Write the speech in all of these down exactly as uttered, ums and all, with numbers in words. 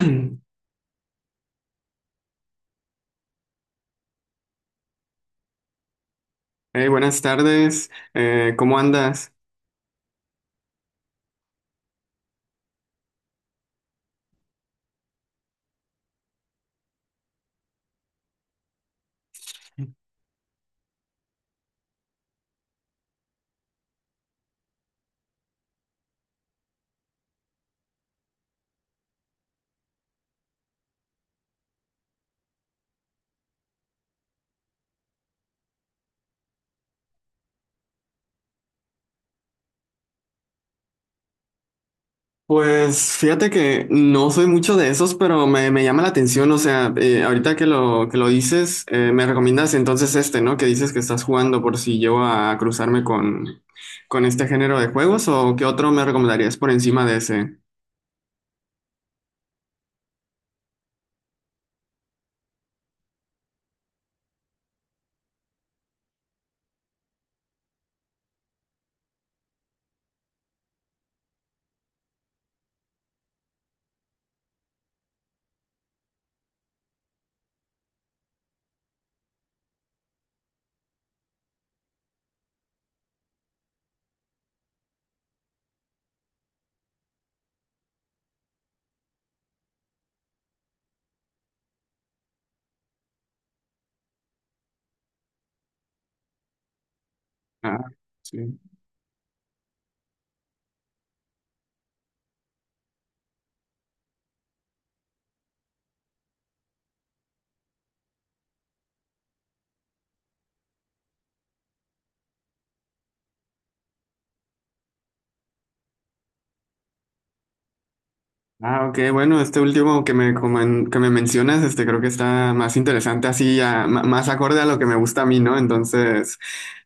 Hey, buenas tardes, eh, ¿cómo andas? Pues fíjate que no soy mucho de esos, pero me, me llama la atención, o sea, eh, ahorita que lo, que lo dices, eh, me recomiendas entonces este, ¿no? Que dices que estás jugando por si llego a cruzarme con, con este género de juegos, ¿o qué otro me recomendarías por encima de ese? Ah, sí. Ah, ok, bueno, este último que me, comen- que me mencionas, este creo que está más interesante, así, a- ma- más acorde a lo que me gusta a mí, ¿no? Entonces,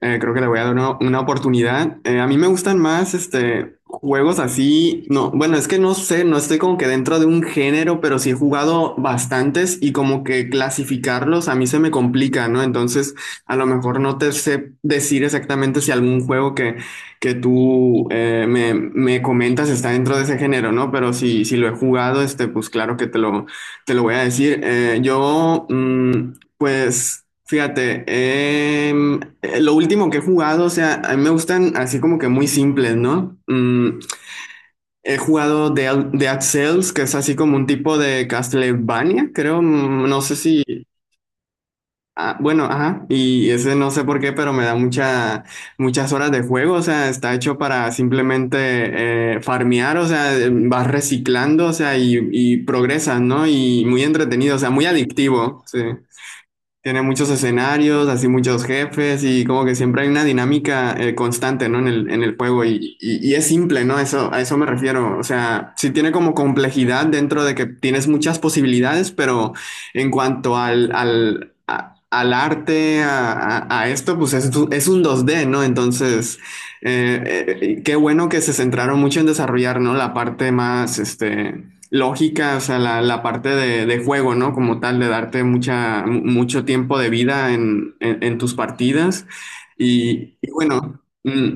eh, creo que le voy a dar una, una oportunidad. Eh, a mí me gustan más, este, juegos así, no, bueno, es que no sé, no estoy como que dentro de un género, pero sí he jugado bastantes y como que clasificarlos a mí se me complica, ¿no? Entonces, a lo mejor no te sé decir exactamente si algún juego que que tú eh, me, me comentas está dentro de ese género, ¿no? Pero si, si lo he jugado, este, pues claro que te lo, te lo voy a decir. Eh, yo, mm, pues, fíjate, em, eh, lo último que he jugado, o sea, a mí me gustan así como que muy simples, ¿no? Mm, he jugado Dead, Dead Cells, que es así como un tipo de Castlevania, creo, mm, no sé si. Ah, bueno, ajá, y ese no sé por qué, pero me da mucha, muchas horas de juego, o sea, está hecho para simplemente eh, farmear, o sea, eh, vas reciclando, o sea, y, y progresas, ¿no? Y muy entretenido, o sea, muy adictivo, sí. Tiene muchos escenarios, así muchos jefes y como que siempre hay una dinámica eh, constante, ¿no? En el, en el juego y, y- y es simple, ¿no? Eso, a eso me refiero. O sea, sí tiene como complejidad dentro de que tienes muchas posibilidades, pero en cuanto al, al, a- al arte, a, a- a esto, pues es, tu- es un dos d, ¿no? Entonces, eh, eh, qué bueno que se centraron mucho en desarrollar, ¿no? La parte más, este, lógica, o sea, la, la parte de, de juego, ¿no? Como tal, de darte mucha, mu- mucho tiempo de vida en, en- en tus partidas. Y, y bueno, mm.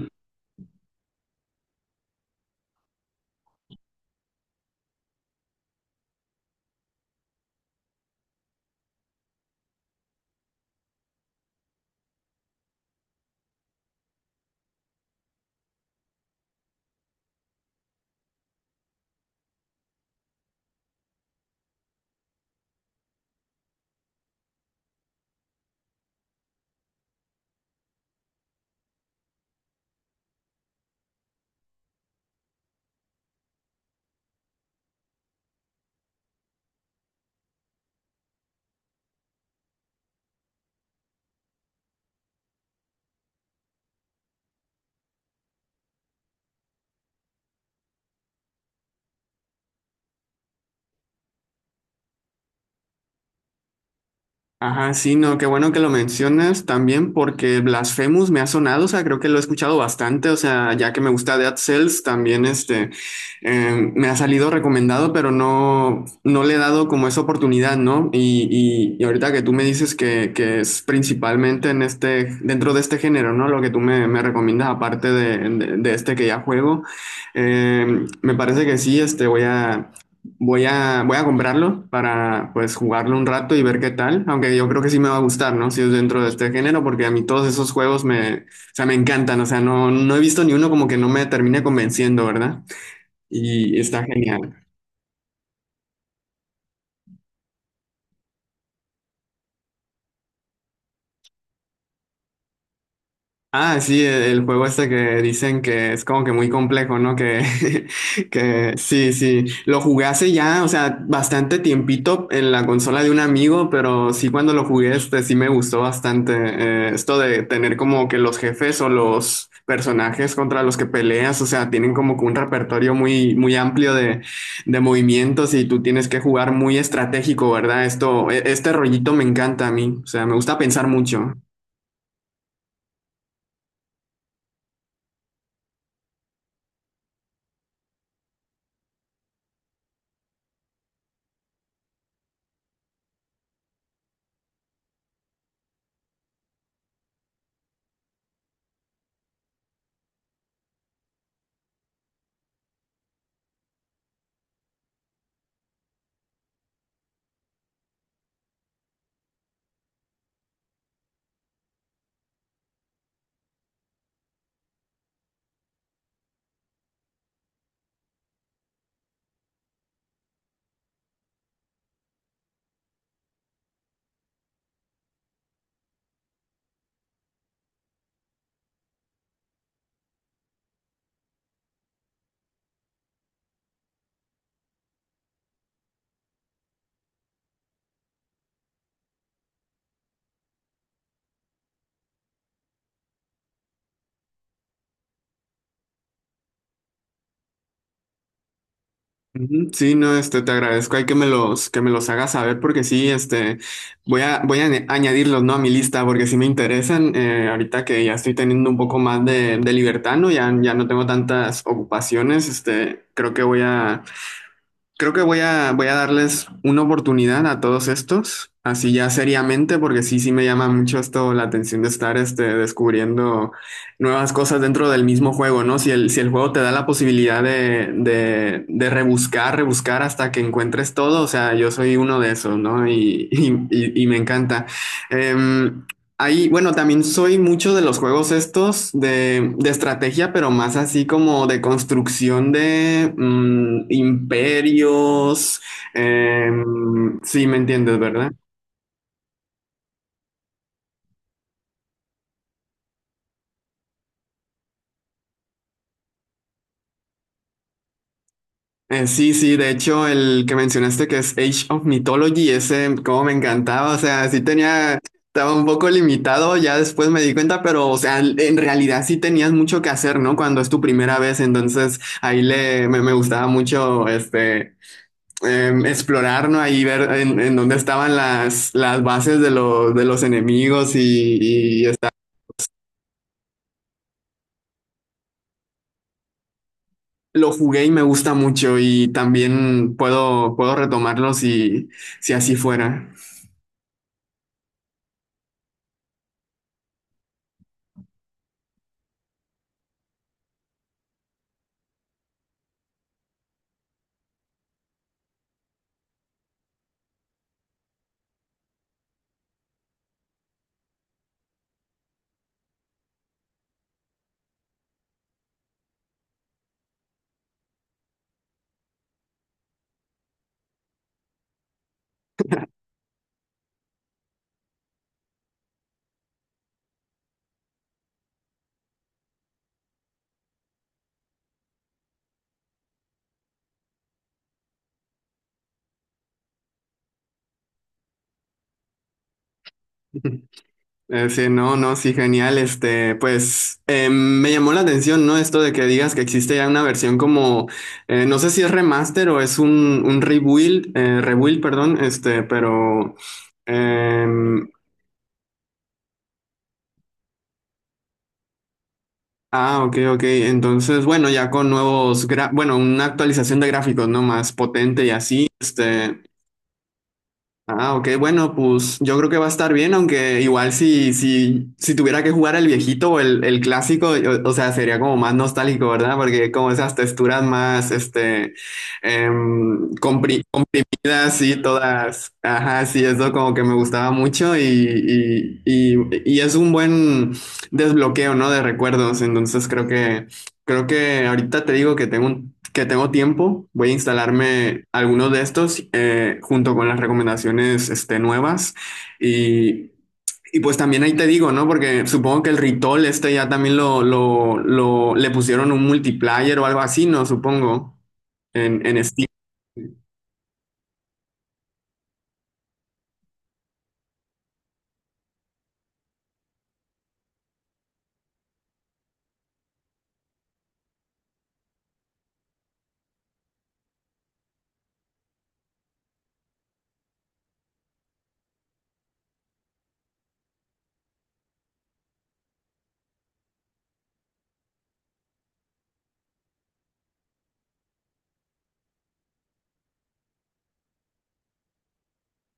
Ajá, sí, no, qué bueno que lo mencionas también porque Blasphemous me ha sonado, o sea, creo que lo he escuchado bastante, o sea, ya que me gusta Dead Cells, también este, eh, me ha salido recomendado, pero no, no le he dado como esa oportunidad, ¿no? Y, y, y ahorita que tú me dices que, que es principalmente en este, dentro de este género, ¿no? Lo que tú me, me recomiendas, aparte de, de- de este que ya juego, eh, me parece que sí, este, voy a... Voy a, voy a comprarlo para pues jugarlo un rato y ver qué tal, aunque yo creo que sí me va a gustar, ¿no? Si es dentro de este género, porque a mí todos esos juegos me, o sea, me encantan, o sea, no, no he visto ni uno como que no me termine convenciendo, ¿verdad? Y está genial. Ah, sí, el el juego este que dicen que es como que muy complejo, ¿no? Que que sí, sí. Lo jugué hace ya, o sea, bastante tiempito en la consola de un amigo, pero sí cuando lo jugué este sí me gustó bastante. Eh, esto de tener como que los jefes o los personajes contra los que peleas, o sea, tienen como que un repertorio muy, muy amplio de, de movimientos y tú tienes que jugar muy estratégico, ¿verdad? Esto, e- este rollito me encanta a mí, o sea, me gusta pensar mucho. Ujú. Sí, no, este, te agradezco, hay que me los, que me los hagas saber porque sí, este, voy a, voy a añ- añadirlos, ¿no? A mi lista porque sí me interesan, eh, ahorita que ya estoy teniendo un poco más de, de libertad, ¿no? Ya, ya no tengo tantas ocupaciones, este, creo que voy a... Creo que voy a, voy a darles una oportunidad a todos estos, así ya seriamente, porque sí, sí me llama mucho esto la atención de estar este, descubriendo nuevas cosas dentro del mismo juego, ¿no? Si el, si el juego te da la posibilidad de, de, de rebuscar, rebuscar hasta que encuentres todo, o sea, yo soy uno de esos, ¿no? Y, y, y- y me encanta. Em, Ahí, bueno, también soy mucho de los juegos estos de, de estrategia, pero más así como de construcción de mm, imperios. Em, sí, me entiendes, ¿verdad? Eh, sí, sí, de hecho, el que mencionaste que es Age of Mythology, ese como me encantaba, o sea, sí tenía, estaba un poco limitado, ya después me di cuenta, pero, o sea, en realidad sí tenías mucho que hacer, ¿no? Cuando es tu primera vez, entonces ahí le, me, me gustaba mucho, este, em, explorar, ¿no? Ahí ver en, en dónde estaban las, las bases de, lo- de los enemigos y, y está. Lo jugué y me gusta mucho y también puedo, puedo retomarlo si, si así fuera. Eh, sí, no, no, sí, genial. Este, pues em, me llamó la atención, ¿no? Esto de que digas que existe ya una versión como, eh, no sé si es remaster o es un, un rebuild, eh, rebuild, perdón, este, pero... Em. Ah, ok, ok. Entonces, bueno, ya con nuevos, gra- bueno, una actualización de gráficos, ¿no? Más potente y así. Este, ah, ok, bueno, pues yo creo que va a estar bien, aunque igual si, si, si tuviera que jugar el viejito o el, el clásico, o, o sea, sería como más nostálgico, ¿verdad? Porque como esas texturas más, este, eh. Sí, todas. Ajá, sí, eso como que me gustaba mucho y, y, y, y es un buen desbloqueo, ¿no? De recuerdos. Entonces creo que, creo que ahorita te digo que tengo un- que tengo tiempo. Voy a instalarme algunos de estos eh, junto con las recomendaciones este, nuevas. Y, y pues también ahí te digo, ¿no? Porque supongo que el Ritol este ya también lo, lo, lo- le pusieron un multiplayer o algo así, ¿no? Supongo. En, en Steam.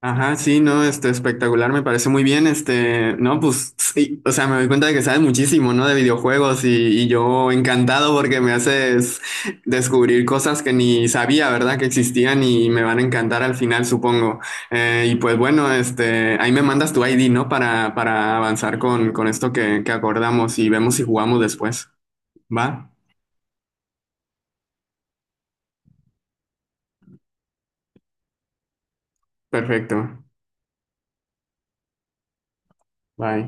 Ajá, sí, no, este, espectacular, me parece muy bien, este, no, pues, sí, o sea, me doy cuenta de que sabes muchísimo, ¿no? De videojuegos y, y yo encantado porque me haces descubrir cosas que ni sabía, ¿verdad? Que existían y me van a encantar al final, supongo. Eh, y pues bueno, este, ahí me mandas tu I D, ¿no? Para, para avanzar con, con esto que, que acordamos y vemos si jugamos después. ¿Va? Perfecto. Bye.